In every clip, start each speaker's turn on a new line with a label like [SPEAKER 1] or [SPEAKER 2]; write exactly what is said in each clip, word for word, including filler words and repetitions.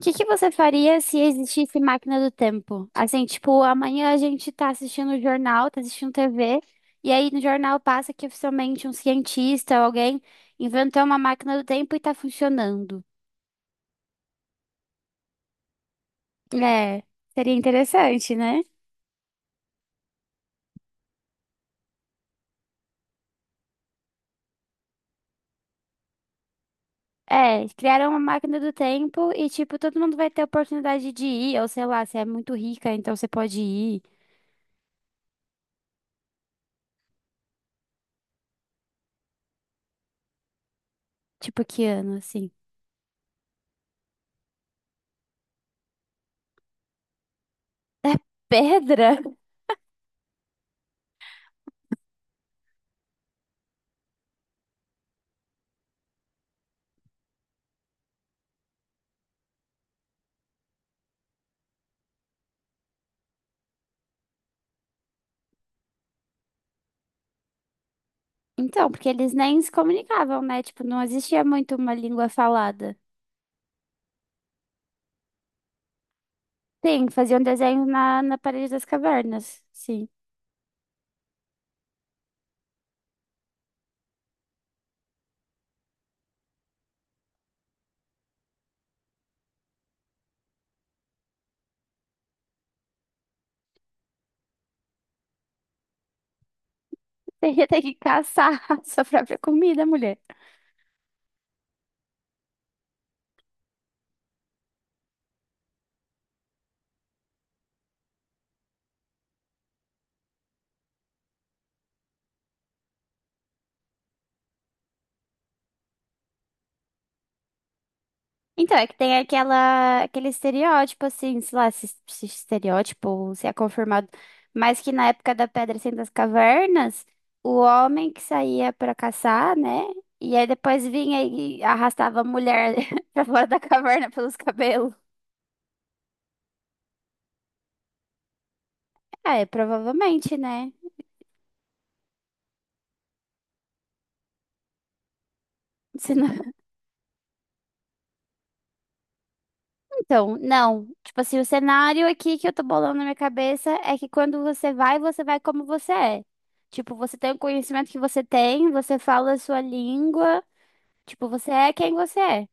[SPEAKER 1] O que que você faria se existisse máquina do tempo? Assim, tipo, amanhã a gente tá assistindo o jornal, tá assistindo tê vê, e aí no jornal passa que oficialmente um cientista ou alguém inventou uma máquina do tempo e tá funcionando. É, seria interessante, né? É, criaram uma máquina do tempo e, tipo, todo mundo vai ter oportunidade de ir, ou sei lá, você é muito rica, então você pode ir. Tipo, que ano, assim? Pedra? Então, porque eles nem se comunicavam, né? Tipo, não existia muito uma língua falada. Sim, faziam desenho na, na parede das cavernas. Sim. teria ter que caçar a sua própria comida, mulher. Então, é que tem aquela, aquele estereótipo, assim, sei lá, se, se estereótipo, ou se é confirmado, mas que na época da Pedra sem das Cavernas, o homem que saía pra caçar, né? E aí depois vinha e arrastava a mulher pra fora da caverna pelos cabelos. Ah, é, provavelmente, né? Se não- Então, não. Tipo assim, o cenário aqui que eu tô bolando na minha cabeça é que quando você vai, você vai como você é. Tipo, você tem o conhecimento que você tem, você fala a sua língua, tipo, você é quem você é.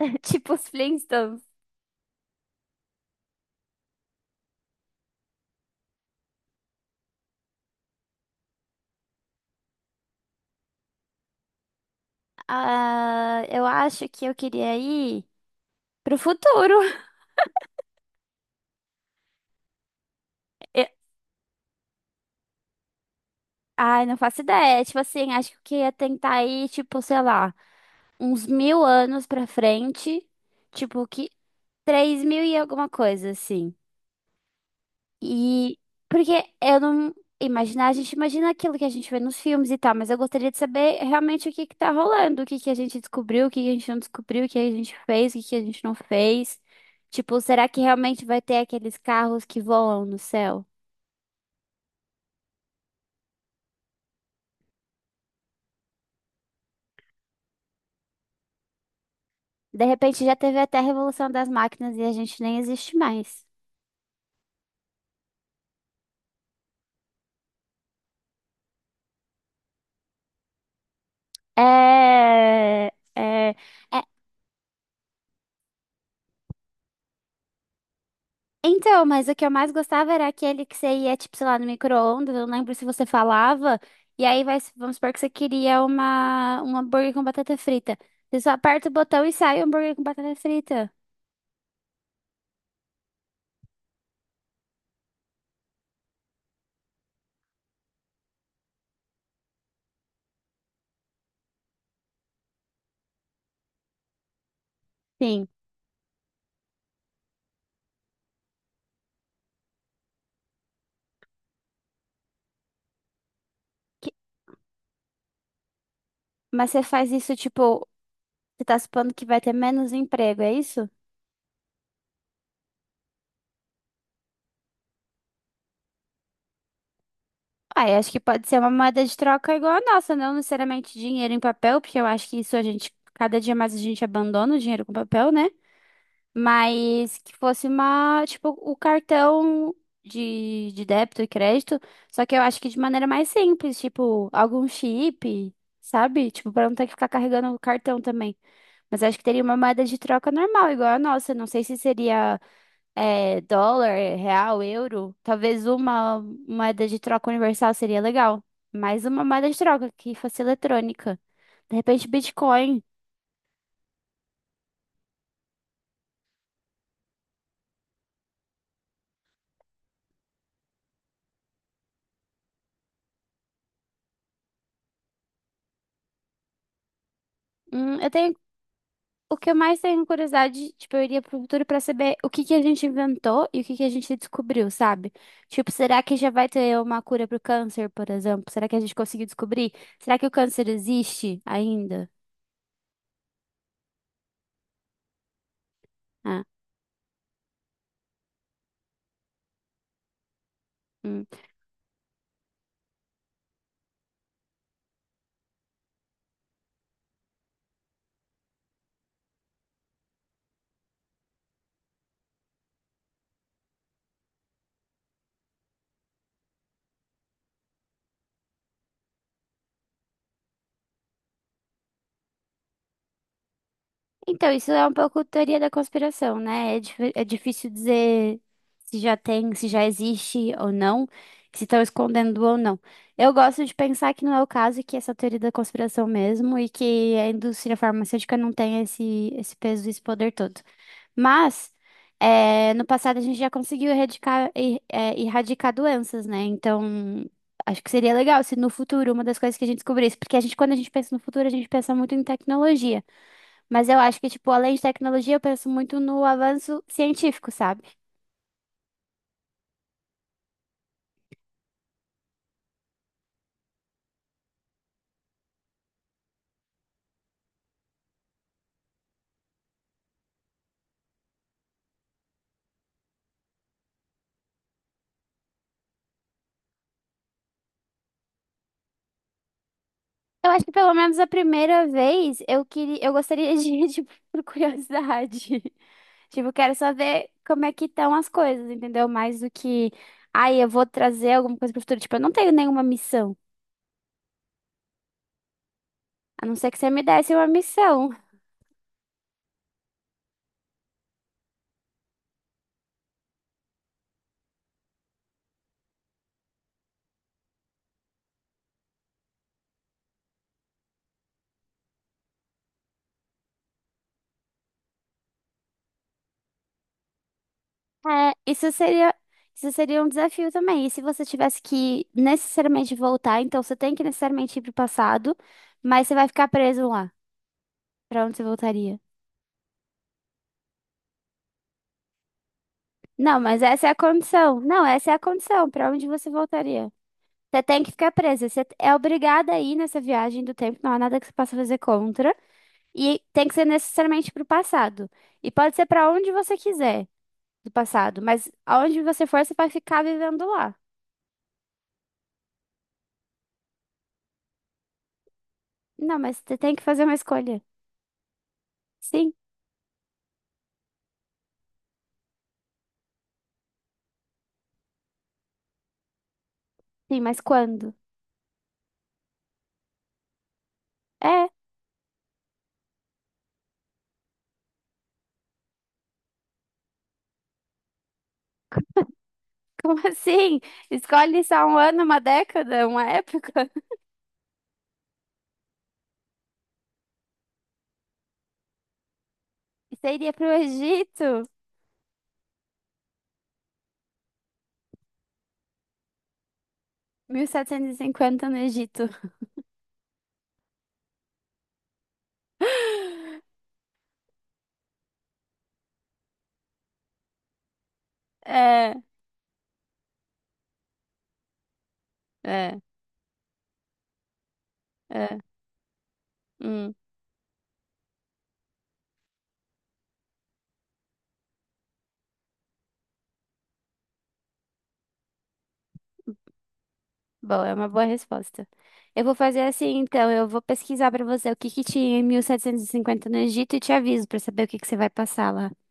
[SPEAKER 1] Tipo os Flintstones. Ah, eu acho que eu queria ir pro futuro. Eu- Ai, não faço ideia. Tipo assim, acho que eu ia tentar ir, tipo, sei lá, uns mil anos pra frente. Tipo, que... Três mil e alguma coisa, assim. E porque eu não imaginar, a gente imagina aquilo que a gente vê nos filmes e tal, mas eu gostaria de saber realmente o que que tá rolando, o que que a gente descobriu, o que que a gente não descobriu, o que a gente fez, o que que a gente não fez. Tipo, será que realmente vai ter aqueles carros que voam no céu? De repente já teve até a revolução das máquinas e a gente nem existe mais. É, é, é. Então, mas o que eu mais gostava era aquele que você ia, tipo, sei lá, no micro-ondas, eu não lembro se você falava, e aí vai, vamos supor que você queria uma, um hambúrguer com batata frita. Você só aperta o botão e sai o hambúrguer com batata frita. Sim. Que- Mas você faz isso, tipo, você tá supondo que vai ter menos emprego, é isso? Ah, eu acho que pode ser uma moeda de troca igual a nossa, não necessariamente dinheiro em papel, porque eu acho que isso a gente, cada dia mais a gente abandona o dinheiro com papel, né? Mas que fosse uma, tipo, o cartão de, de débito e crédito, só que eu acho que de maneira mais simples, tipo, algum chip, sabe? Tipo, pra não ter que ficar carregando o cartão também. Mas acho que teria uma moeda de troca normal, igual a nossa. Não sei se seria, é, dólar, real, euro. Talvez uma moeda de troca universal seria legal. Mais uma moeda de troca que fosse eletrônica. De repente, Bitcoin. Hum, eu tenho O que eu mais tenho curiosidade, tipo, eu iria pro futuro pra saber o que que a gente inventou e o que que a gente descobriu, sabe? Tipo, será que já vai ter uma cura pro câncer, por exemplo? Será que a gente conseguiu descobrir? Será que o câncer existe ainda? Ah, hum. Então, isso é um pouco teoria da conspiração, né? É, dif- é difícil dizer se já tem, se já existe ou não, se estão escondendo ou não. Eu gosto de pensar que não é o caso, e que essa teoria da conspiração mesmo, e que a indústria farmacêutica não tem esse, esse peso e esse poder todo. Mas, eh, no passado a gente já conseguiu erradicar, eh, eh, erradicar doenças, né? Então, acho que seria legal se no futuro uma das coisas que a gente descobrisse, porque a gente, quando a gente pensa no futuro, a gente pensa muito em tecnologia. Mas eu acho que, tipo, além de tecnologia, eu penso muito no avanço científico, sabe? Eu acho que pelo menos a primeira vez eu queria, eu gostaria de, tipo, por curiosidade. Tipo, quero só ver como é que estão as coisas, entendeu? Mais do que, ai, eu vou trazer alguma coisa pro futuro. Tipo, eu não tenho nenhuma missão. A não ser que você me desse uma missão. É, isso seria, isso seria um desafio também. E se você tivesse que necessariamente voltar, então você tem que necessariamente ir pro passado, mas você vai ficar preso lá. Pra onde você voltaria? Não, mas essa é a condição. Não, essa é a condição. Pra onde você voltaria? Você tem que ficar presa. Você é obrigada a ir nessa viagem do tempo. Não há nada que você possa fazer contra. E tem que ser necessariamente pro passado. E pode ser pra onde você quiser do passado. Mas aonde você for, você vai ficar vivendo lá. Não, mas você tem que fazer uma escolha. Sim, sim, mas quando? É, como assim? Escolhe só um ano, uma década, uma época? Você iria pro Egito? mil setecentos e cinquenta no Egito. É, é, é. Hum, bom, é uma boa resposta. Eu vou fazer assim, então, eu vou pesquisar pra você o que que tinha em mil setecentos e cinquenta no Egito e te aviso pra saber o que que você vai passar lá.